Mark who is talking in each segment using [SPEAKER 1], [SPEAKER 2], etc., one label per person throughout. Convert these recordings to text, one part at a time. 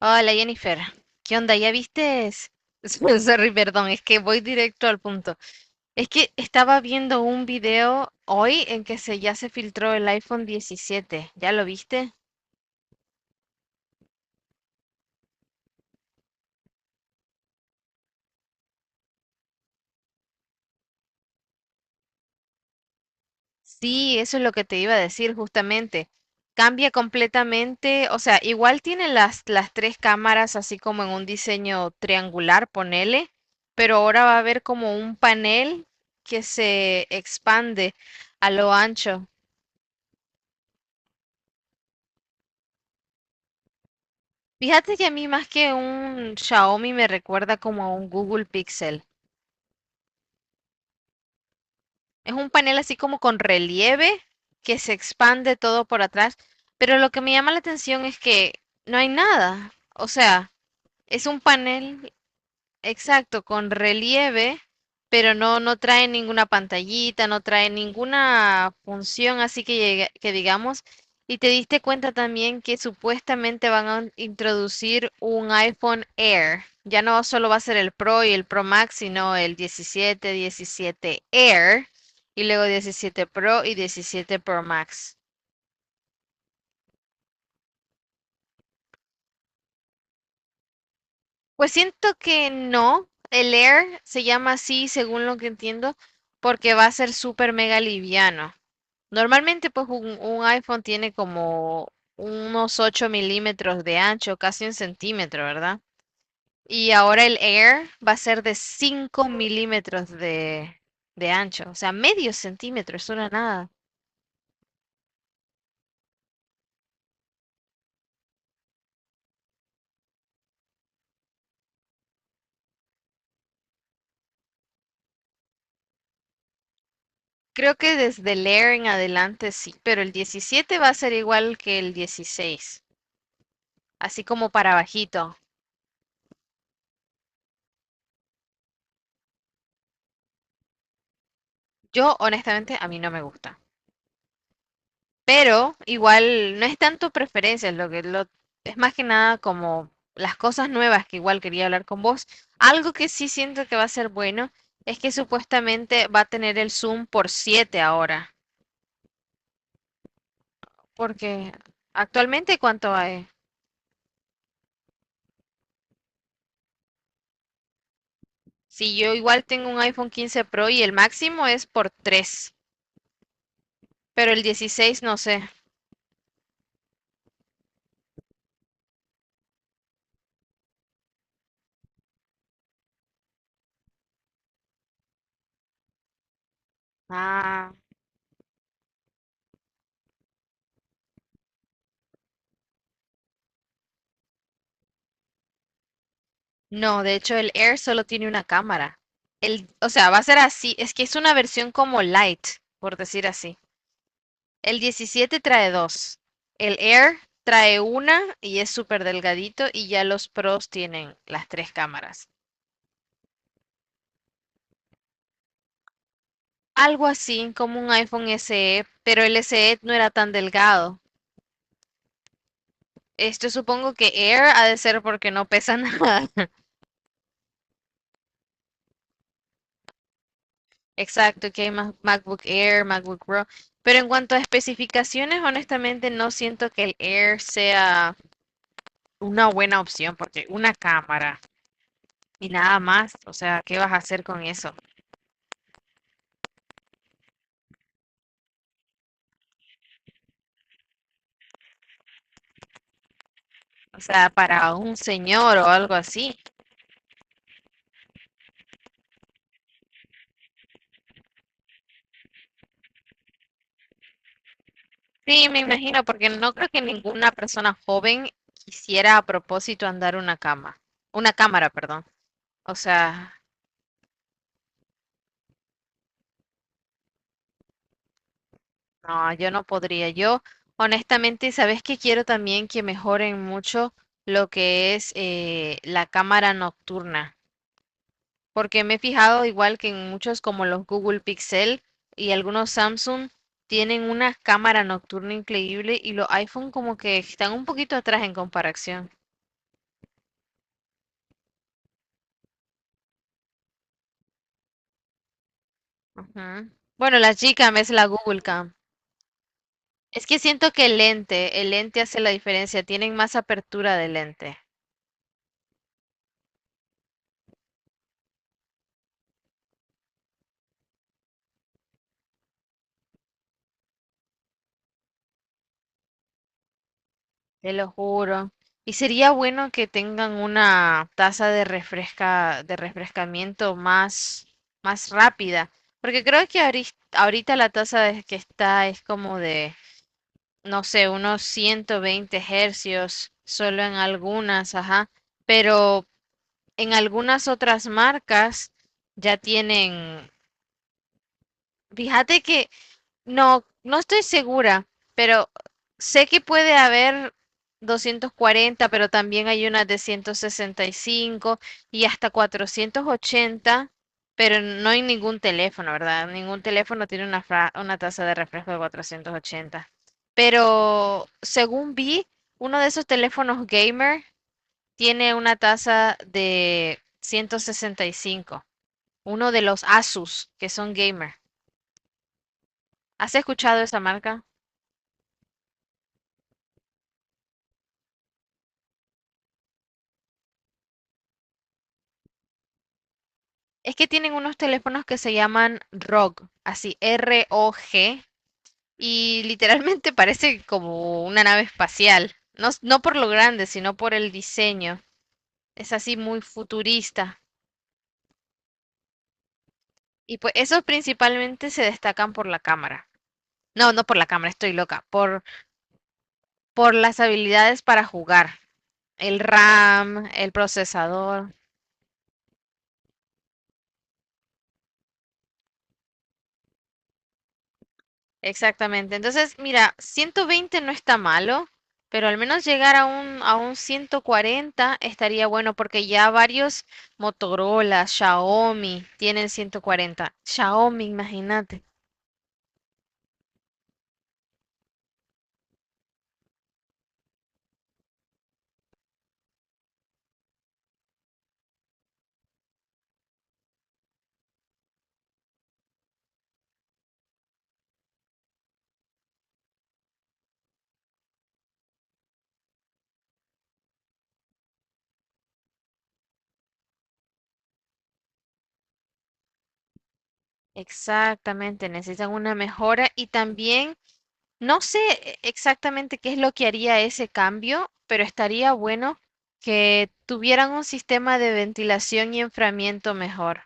[SPEAKER 1] Hola, Jennifer, ¿qué onda? ¿Ya vistes? Sorry, perdón, es que voy directo al punto. Es que estaba viendo un video hoy en que ya se filtró el iPhone 17. ¿Ya lo viste? Sí, eso es lo que te iba a decir justamente. Cambia completamente, o sea, igual tiene las tres cámaras así como en un diseño triangular, ponele, pero ahora va a haber como un panel que se expande a lo ancho. Fíjate que a mí más que un Xiaomi me recuerda como a un Google Pixel. Es un panel así como con relieve que se expande todo por atrás, pero lo que me llama la atención es que no hay nada. O sea, es un panel. Exacto, con relieve, pero no, no trae ninguna pantallita, no trae ninguna función, así que, que digamos, y te diste cuenta también que supuestamente van a introducir un iPhone Air. Ya no solo va a ser el Pro y el Pro Max, sino el 17 Air y luego 17 Pro y diecisiete Pro Max. Pues siento que no, el Air se llama así, según lo que entiendo, porque va a ser súper mega liviano. Normalmente, pues un iPhone tiene como unos 8 mm de ancho, casi un centímetro, ¿verdad? Y ahora el Air va a ser de 5 mm de ancho, o sea, medio centímetro, es una nada. Creo que desde el Air en adelante sí, pero el 17 va a ser igual que el 16, así como para bajito. Yo, honestamente, a mí no me gusta. Pero igual no es tanto preferencias, es más que nada como las cosas nuevas que igual quería hablar con vos. Algo que sí siento que va a ser bueno es que supuestamente va a tener el Zoom por 7 ahora, porque actualmente, ¿cuánto hay? Si yo igual tengo un iPhone 15 Pro y el máximo es por 3, pero el 16 no sé. Ah, no, de hecho el Air solo tiene una cámara. El, o sea, va a ser así, es que es una versión como light, por decir así. El 17 trae dos. El Air trae una y es súper delgadito y ya los Pros tienen las tres cámaras. Algo así como un iPhone SE, pero el SE no era tan delgado. Esto supongo que Air ha de ser porque no pesa nada. Exacto, que hay MacBook Air, MacBook Pro. Pero en cuanto a especificaciones, honestamente no siento que el Air sea una buena opción porque una cámara y nada más, o sea, ¿qué vas a hacer con eso? O sea, para un señor o algo así. Sí, me imagino, porque no creo que ninguna persona joven quisiera a propósito andar una cama, una cámara, perdón. O sea, no, yo no podría. Yo, honestamente, ¿sabes que quiero también que mejoren mucho lo que es la cámara nocturna? Porque me he fijado igual que en muchos como los Google Pixel y algunos Samsung tienen una cámara nocturna increíble y los iPhone como que están un poquito atrás en comparación. Ujú. Bueno, la Gcam es la Google Cam. Es que siento que el lente hace la diferencia, tienen más apertura de lente, te lo juro. Y sería bueno que tengan una tasa de refrescamiento más rápida, porque creo que ahorita que está es como de, no sé, unos 120 Hz, solo en algunas, ajá, pero en algunas otras marcas ya tienen. Fíjate que no, no estoy segura, pero sé que puede haber 240, pero también hay unas de 165 y hasta 480, pero no hay ningún teléfono, ¿verdad? Ningún teléfono tiene una, una tasa de refresco de 480. Pero según vi, uno de esos teléfonos gamer tiene una tasa de 165. Uno de los Asus que son gamer. ¿Has escuchado esa marca? Es que tienen unos teléfonos que se llaman ROG, así R-O-G, y literalmente parece como una nave espacial. No, no por lo grande, sino por el diseño. Es así muy futurista. Y pues esos principalmente se destacan por la cámara. No, no por la cámara, estoy loca. Por las habilidades para jugar. El RAM, el procesador. Exactamente. Entonces, mira, 120 no está malo, pero al menos llegar a un 140 estaría bueno porque ya varios Motorola, Xiaomi tienen 140. Xiaomi, imagínate. Exactamente, necesitan una mejora y también no sé exactamente qué es lo que haría ese cambio, pero estaría bueno que tuvieran un sistema de ventilación y enfriamiento mejor.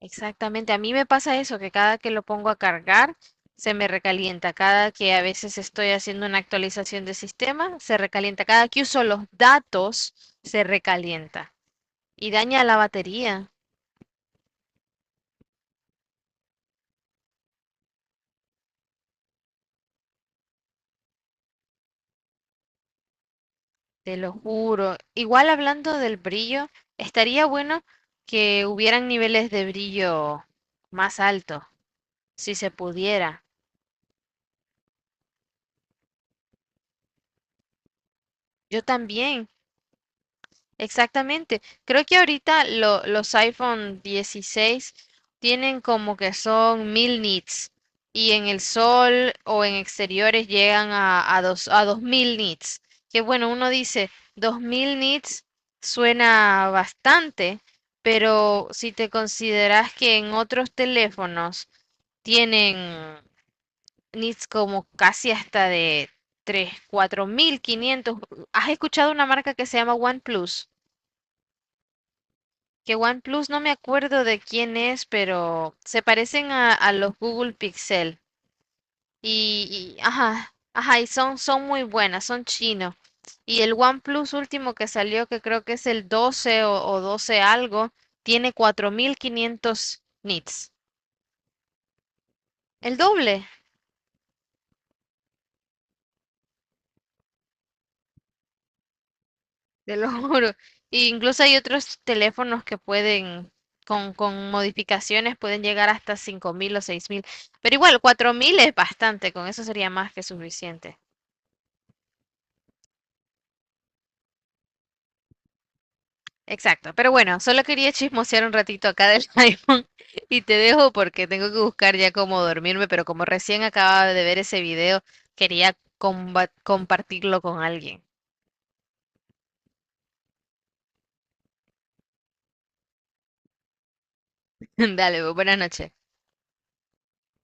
[SPEAKER 1] Exactamente, a mí me pasa eso, que cada que lo pongo a cargar se me recalienta, cada que a veces estoy haciendo una actualización de sistema se recalienta, cada que uso los datos se recalienta y daña la batería, te lo juro. Igual hablando del brillo, estaría bueno que hubieran niveles de brillo más altos, si se pudiera. Yo también. Exactamente. Creo que ahorita los iPhone 16 tienen como que son 1000 nits y en el sol o en exteriores llegan a 2000 nits. Que bueno, uno dice 2000 nits suena bastante, pero si te consideras que en otros teléfonos tienen nits como casi hasta de 3, 4500. ¿Has escuchado una marca que se llama OnePlus? Que OnePlus no me acuerdo de quién es, pero se parecen a los Google Pixel. Ajá, ajá, y son muy buenas, son chinos. Y el OnePlus último que salió, que creo que es el 12 o 12 algo, tiene 4500 nits. El doble, te lo juro. E incluso hay otros teléfonos que pueden, con modificaciones, pueden llegar hasta 5000 o 6000. Pero igual, 4000 es bastante, con eso sería más que suficiente. Exacto, pero bueno, solo quería chismosear un ratito acá del iPhone y te dejo porque tengo que buscar ya cómo dormirme, pero como recién acababa de ver ese video, quería compartirlo con alguien. Dale, pues, buenas noches.